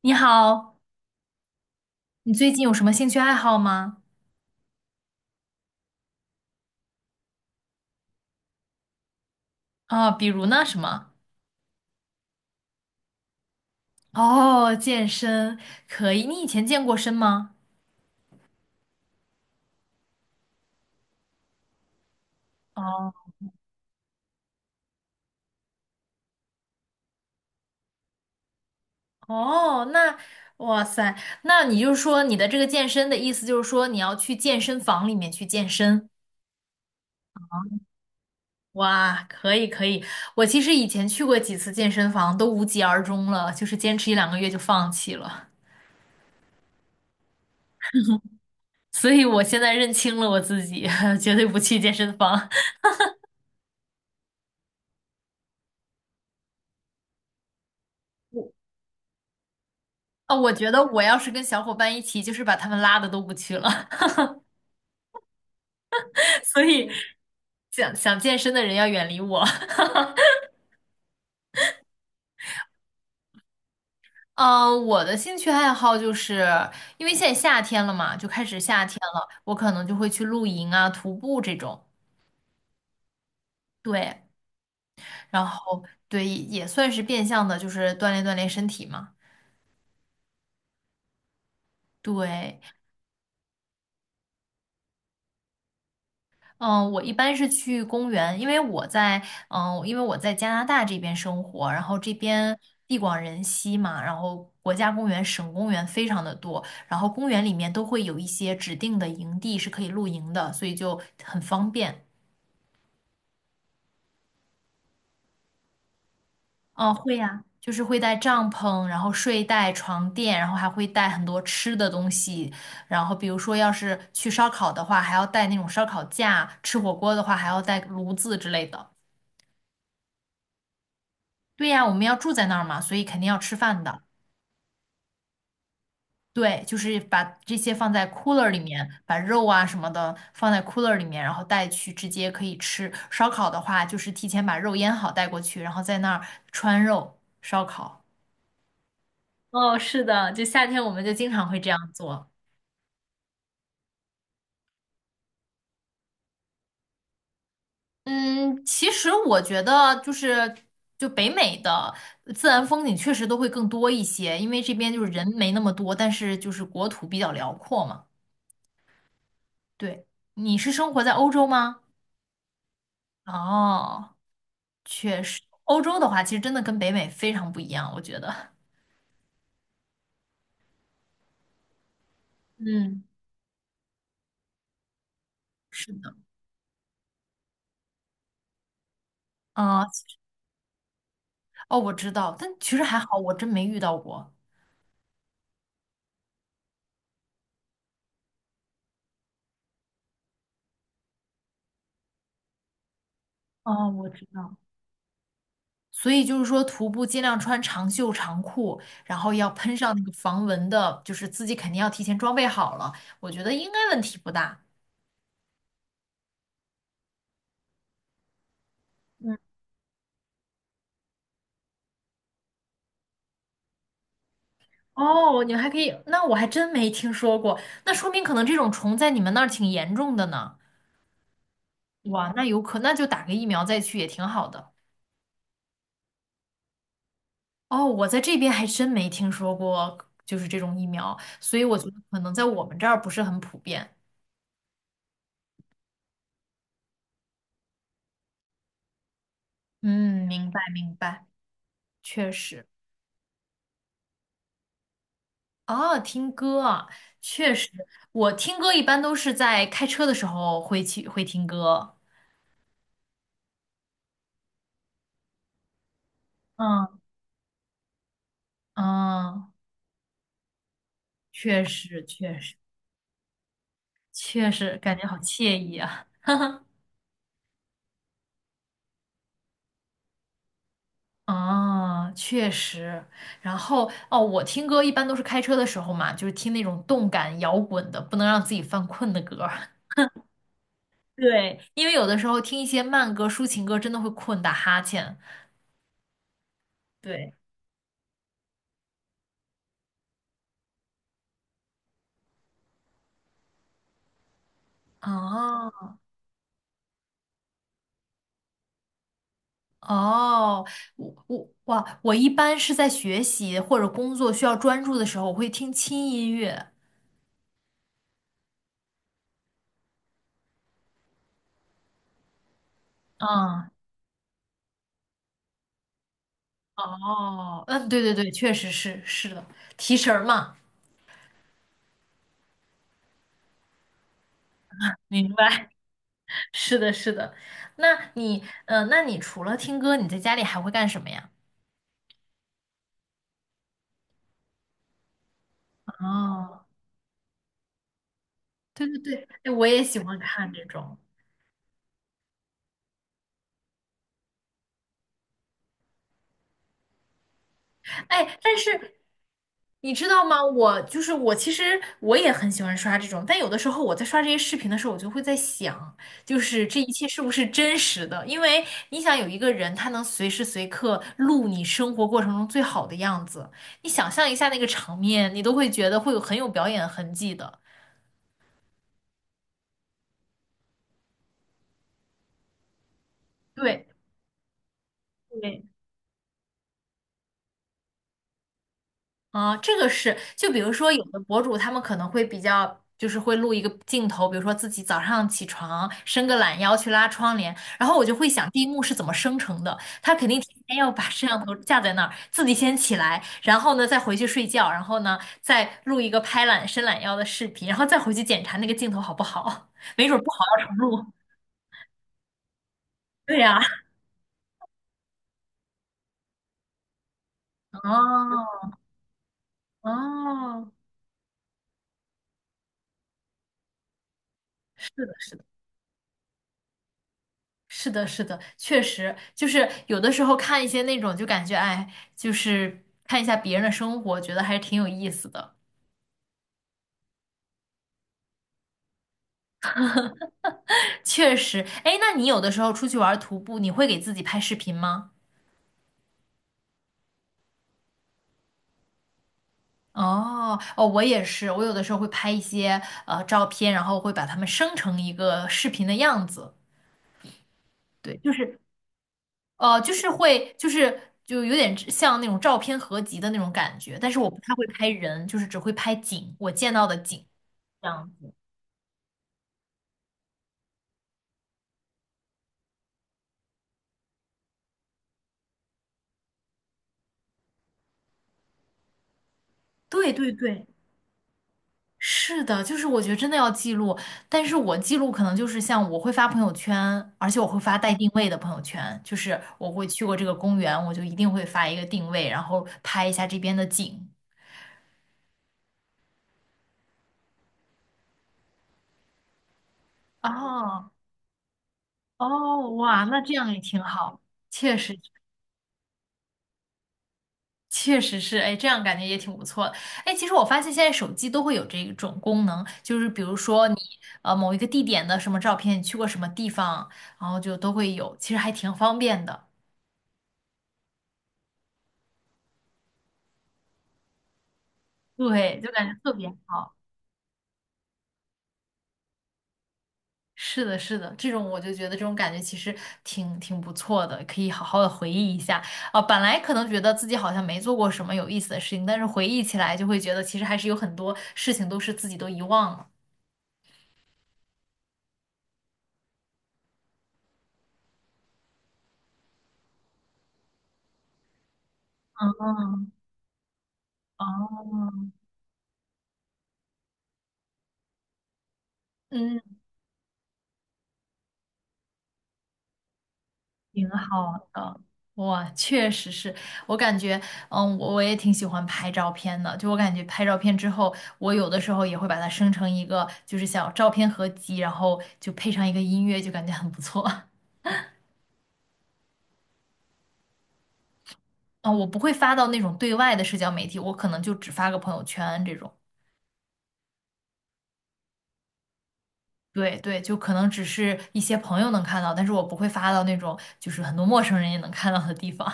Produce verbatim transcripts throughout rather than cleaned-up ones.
你好，你最近有什么兴趣爱好吗？啊，比如呢，什么？哦，健身可以。你以前健过身吗？哦哦，那哇塞，那你就是说你的这个健身的意思就是说你要去健身房里面去健身？哇，可以可以。我其实以前去过几次健身房，都无疾而终了，就是坚持一两个月就放弃了。所以我现在认清了我自己，绝对不去健身房。啊、我觉得我要是跟小伙伴一起，就是把他们拉的都不去了，所以想想健身的人要远离我。嗯、我的兴趣爱好就是因为现在夏天了嘛，就开始夏天了，我可能就会去露营啊、徒步这种。对，然后对，也算是变相的，就是锻炼锻炼身体嘛。对，嗯，我一般是去公园，因为我在嗯，因为我在加拿大这边生活，然后这边地广人稀嘛，然后国家公园、省公园非常的多，然后公园里面都会有一些指定的营地是可以露营的，所以就很方便。嗯，会呀，就是会带帐篷，然后睡袋、床垫，然后还会带很多吃的东西，然后比如说要是去烧烤的话，还要带那种烧烤架，吃火锅的话还要带炉子之类的。对呀，我们要住在那儿嘛，所以肯定要吃饭的。对，就是把这些放在 cooler 里面，把肉啊什么的放在 cooler 里面，然后带去直接可以吃。烧烤的话，就是提前把肉腌好带过去，然后在那儿穿肉烧烤。哦，是的，就夏天我们就经常会这样做。嗯，其实我觉得就是就北美的自然风景确实都会更多一些，因为这边就是人没那么多，但是就是国土比较辽阔嘛。对，你是生活在欧洲吗？哦，确实，欧洲的话，其实真的跟北美非常不一样，我觉得。嗯，是的，啊、其实哦，我知道，但其实还好，我真没遇到过。哦，我知道。所以就是说，徒步尽量穿长袖长裤，然后要喷上那个防蚊的，就是自己肯定要提前装备好了。我觉得应该问题不大。嗯，哦，你们还可以，那我还真没听说过，那说明可能这种虫在你们那儿挺严重的呢。哇，那有可，那就打个疫苗再去也挺好的。哦，我在这边还真没听说过，就是这种疫苗，所以我觉得可能在我们这儿不是很普遍。嗯，明白明白，确实。哦，听歌啊，确实，我听歌一般都是在开车的时候会去会听歌。嗯嗯，确实确实确实，感觉好惬意啊。啊，确实。然后哦，我听歌一般都是开车的时候嘛，就是听那种动感摇滚的，不能让自己犯困的歌。对，因为有的时候听一些慢歌、抒情歌，真的会困打哈欠。对，哦哦，我我哇，我一般是在学习或者工作需要专注的时候，我会听轻音乐。嗯，哦，嗯，对对对，确实是是的，提神儿嘛，明白，是的，是的。那你，嗯、那你除了听歌，你在家里还会干什么呀？哦，对对对，哎，我也喜欢看这种。哎，但是你知道吗？我就是我，其实我也很喜欢刷这种，但有的时候我在刷这些视频的时候，我就会在想，就是这一切是不是真实的？因为你想有一个人，他能随时随刻录你生活过程中最好的样子，你想象一下那个场面，你都会觉得会有很有表演痕迹的。对，对啊，这个是，就比如说有的博主他们可能会比较，就是会录一个镜头，比如说自己早上起床伸个懒腰去拉窗帘，然后我就会想第一幕是怎么生成的，他肯定提前要把摄像头架在那儿，自己先起来，然后呢再回去睡觉，然后呢再录一个拍懒伸懒腰的视频，然后再回去检查那个镜头好不好，没准儿不好要重录。对呀，哦哦，是的，是的，是的，是的，确实，就是有的时候看一些那种，就感觉哎，就是看一下别人的生活，觉得还是挺有意思的。确实，哎，那你有的时候出去玩儿徒步，你会给自己拍视频吗？哦，哦，我也是，我有的时候会拍一些呃照片，然后会把它们生成一个视频的样子。对，就是呃，就是会，就是就有点像那种照片合集的那种感觉，但是我不太会拍人，就是只会拍景，我见到的景这样子。对对对。是的，就是我觉得真的要记录，但是我记录可能就是像我会发朋友圈，而且我会发带定位的朋友圈，就是我会去过这个公园，我就一定会发一个定位，然后拍一下这边的景。哦哦，哇，那这样也挺好，确实确实是，哎，这样感觉也挺不错的。哎，其实我发现现在手机都会有这种功能，就是比如说你呃某一个地点的什么照片，你去过什么地方，然后就都会有，其实还挺方便的。对，就感觉特别好。是的，是的，这种我就觉得这种感觉其实挺挺不错的，可以好好的回忆一下。啊、本来可能觉得自己好像没做过什么有意思的事情，但是回忆起来就会觉得其实还是有很多事情都是自己都遗忘了。嗯，哦，嗯，挺好的。哇，确实是我感觉，嗯，我我也挺喜欢拍照片的。就我感觉拍照片之后，我有的时候也会把它生成一个就是小照片合集，然后就配上一个音乐，就感觉很不错。啊，我不会发到那种对外的社交媒体，我可能就只发个朋友圈这种。对对，就可能只是一些朋友能看到，但是我不会发到那种就是很多陌生人也能看到的地方。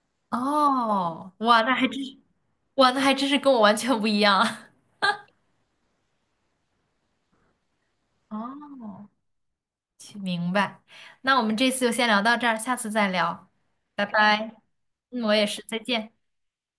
哦，哇，那还真是，哇，那还真是跟我完全不一样。哦，行明白。那我们这次就先聊到这儿，下次再聊，拜拜。嗯，我也是，再见。